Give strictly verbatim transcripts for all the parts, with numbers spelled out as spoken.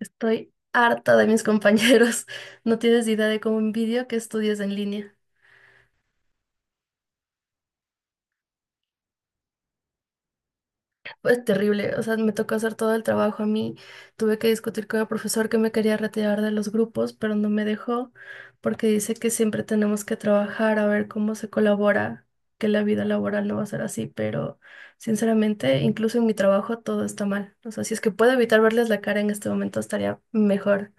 Estoy harta de mis compañeros. No tienes idea de cómo envidio que estudies en línea. Es terrible. O sea, me tocó hacer todo el trabajo a mí. Tuve que discutir con el profesor que me quería retirar de los grupos, pero no me dejó porque dice que siempre tenemos que trabajar a ver cómo se colabora, que la vida laboral no va a ser así. Pero sinceramente, incluso en mi trabajo todo está mal. O sea, si es que puedo evitar verles la cara en este momento, estaría mejor.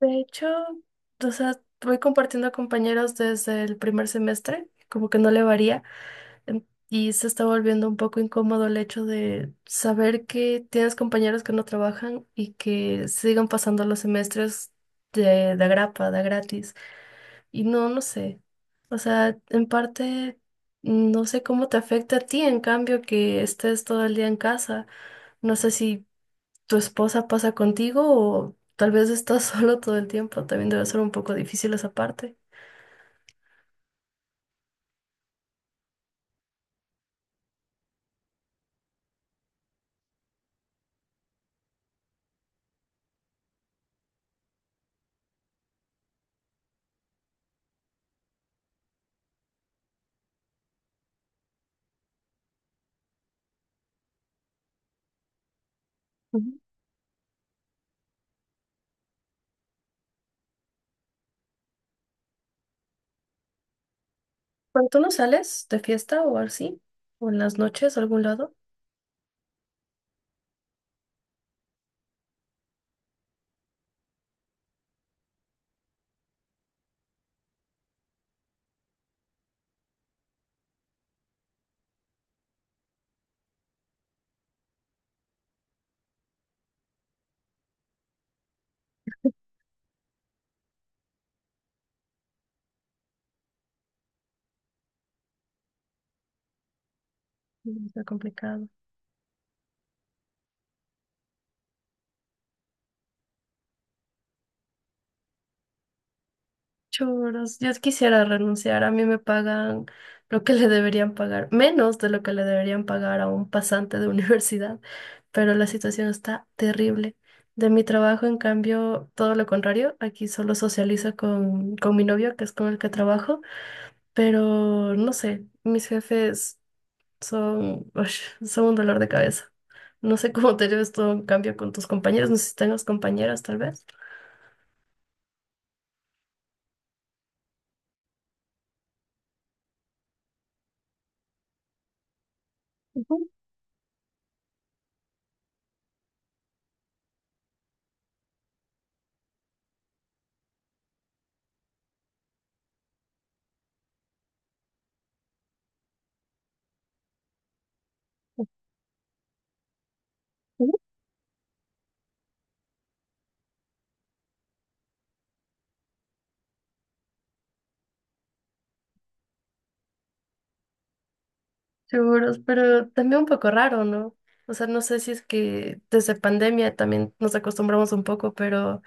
De hecho, o sea, voy compartiendo compañeros desde el primer semestre, como que no le varía, em, y se está volviendo un poco incómodo el hecho de saber que tienes compañeros que no trabajan y que sigan pasando los semestres de, de agrapa, de gratis. Y no, no sé. O sea, en parte, no sé cómo te afecta a ti, en cambio, que estés todo el día en casa. No sé si tu esposa pasa contigo o tal vez estás solo todo el tiempo. También debe ser un poco difícil esa parte. Ujú. Bueno, ¿tú no sales de fiesta o así? ¿O en las noches a algún lado? Mm. Está complicado. Choros, yo quisiera renunciar, a mí me pagan lo que le deberían pagar, menos de lo que le deberían pagar a un pasante de universidad, pero la situación está terrible. De mi trabajo, en cambio, todo lo contrario, aquí solo socializo con, con mi novio, que es con el que trabajo, pero no sé, mis jefes son, ush, son un dolor de cabeza. No sé cómo te lleves tú en cambio con tus compañeros, no sé si tengas compañeras tal vez. Ujú. Seguros, pero también un poco raro, ¿no? O sea, no sé si es que desde pandemia también nos acostumbramos un poco, pero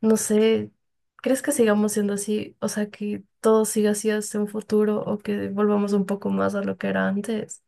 no sé, ¿crees que sigamos siendo así? O sea, que todo siga así hasta un futuro o que volvamos un poco más a lo que era antes.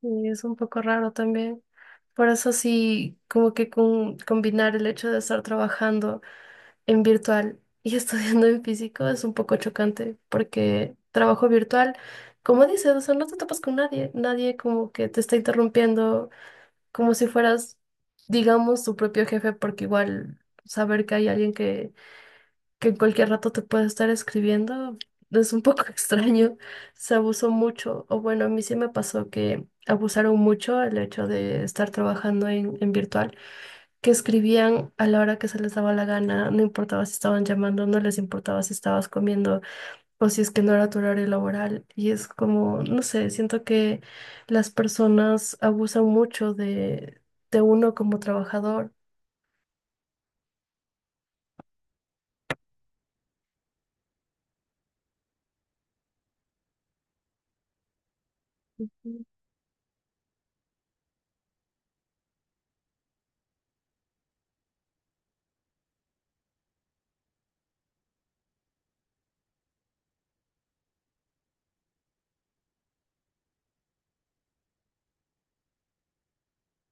Y es un poco raro también. Por eso sí, como que con- combinar el hecho de estar trabajando en virtual y estudiando en físico es un poco chocante porque trabajo virtual, como dices, o sea, no te topas con nadie, nadie como que te está interrumpiendo, como si fueras, digamos, tu propio jefe, porque igual saber que hay alguien que que en cualquier rato te puede estar escribiendo, es un poco extraño. Se abusó mucho, o bueno, a mí sí me pasó que abusaron mucho el hecho de estar trabajando en, en virtual, que escribían a la hora que se les daba la gana, no importaba si estaban llamando, no les importaba si estabas comiendo o si es que no era tu horario laboral. Y es como, no sé, siento que las personas abusan mucho de, de uno como trabajador.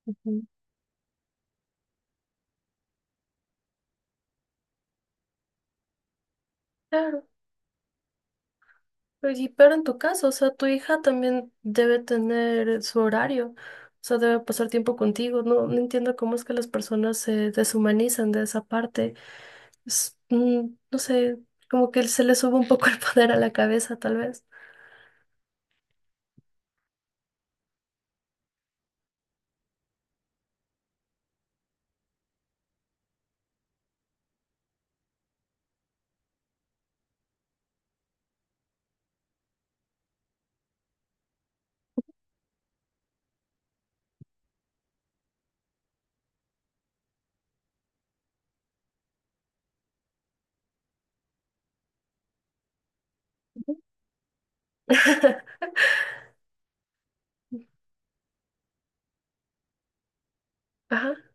Ujú. Claro. Pero, y- pero en tu caso, o sea, tu hija también debe tener su horario, o sea, debe pasar tiempo contigo. No, no entiendo cómo es que las personas se deshumanizan de esa parte. Es, mm, no sé, como que se le sube un poco el poder a la cabeza, tal vez. Ajá.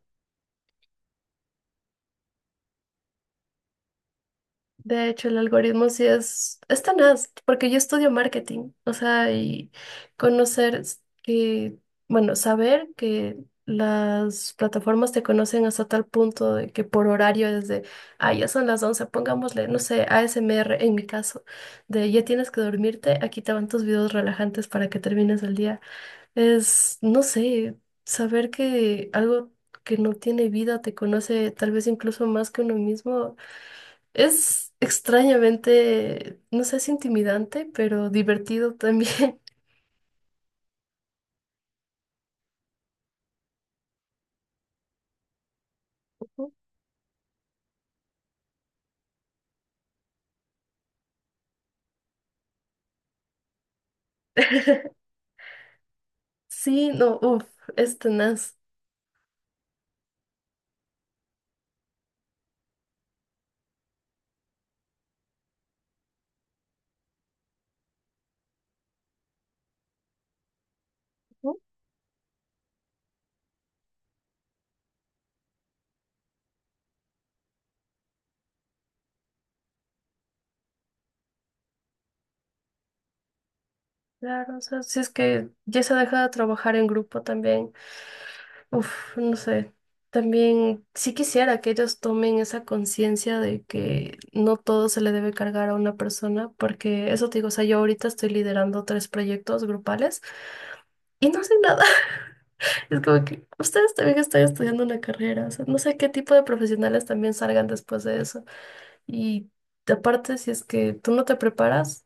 De hecho, el algoritmo sí es, es tenaz, porque yo estudio marketing, o sea, y conocer s- que, bueno, saber que las plataformas te conocen hasta tal punto de que por horario desde, ah, ya son las once pongámosle, no sé, A S M R en mi caso, de ya tienes que dormirte, aquí te van tus videos relajantes para que termines el día. Es, no sé, saber que algo que no tiene vida te conoce tal vez incluso más que uno mismo es extrañamente, no sé si intimidante, pero divertido también. Sí, no, uff, es tenaz. Ujú. Claro, o sea, si es que ya se deja de trabajar en grupo también, uff, no sé, también sí quisiera que ellos tomen esa conciencia de que no todo se le debe cargar a una persona, porque eso te digo, o sea, yo ahorita estoy liderando tres proyectos grupales y no sé nada. Es como que ustedes también están estudiando una carrera, o sea, no sé qué tipo de profesionales también salgan después de eso. Y aparte, si es que tú no te preparas,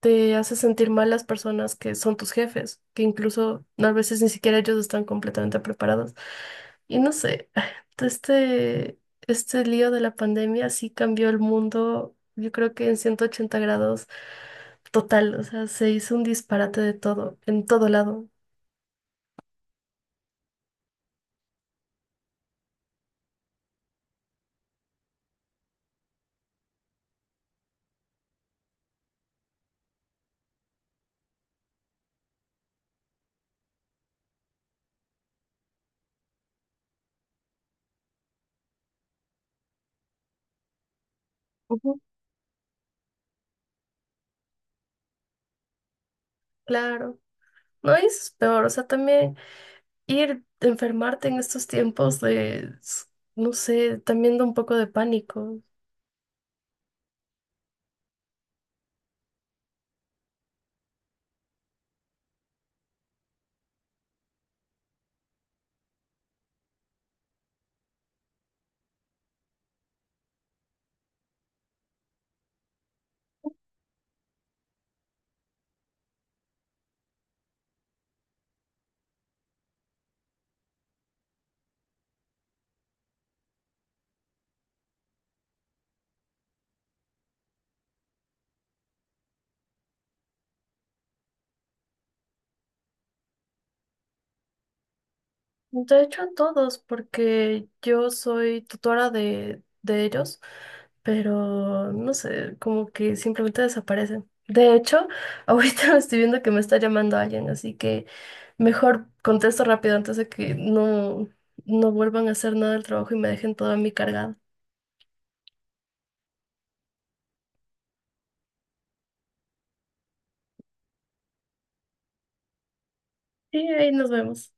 te hace sentir mal las personas que son tus jefes, que incluso no, a veces ni siquiera ellos están completamente preparados. Y no sé, este, este lío de la pandemia sí cambió el mundo, yo creo que en ciento ochenta grados total, o sea, se hizo un disparate de todo, en todo lado. Ujú. Claro. No y eso es peor, o sea, también ir enfermarte en estos tiempos de, s- no sé, también da un poco de pánico. De hecho, a todos, porque yo soy tutora de, de ellos, pero no sé, como que simplemente desaparecen. De hecho, ahorita me estoy viendo que me está llamando alguien, así que mejor contesto rápido antes de que no, no vuelvan a hacer nada del trabajo y me dejen toda mi cargada. Y ahí nos vemos.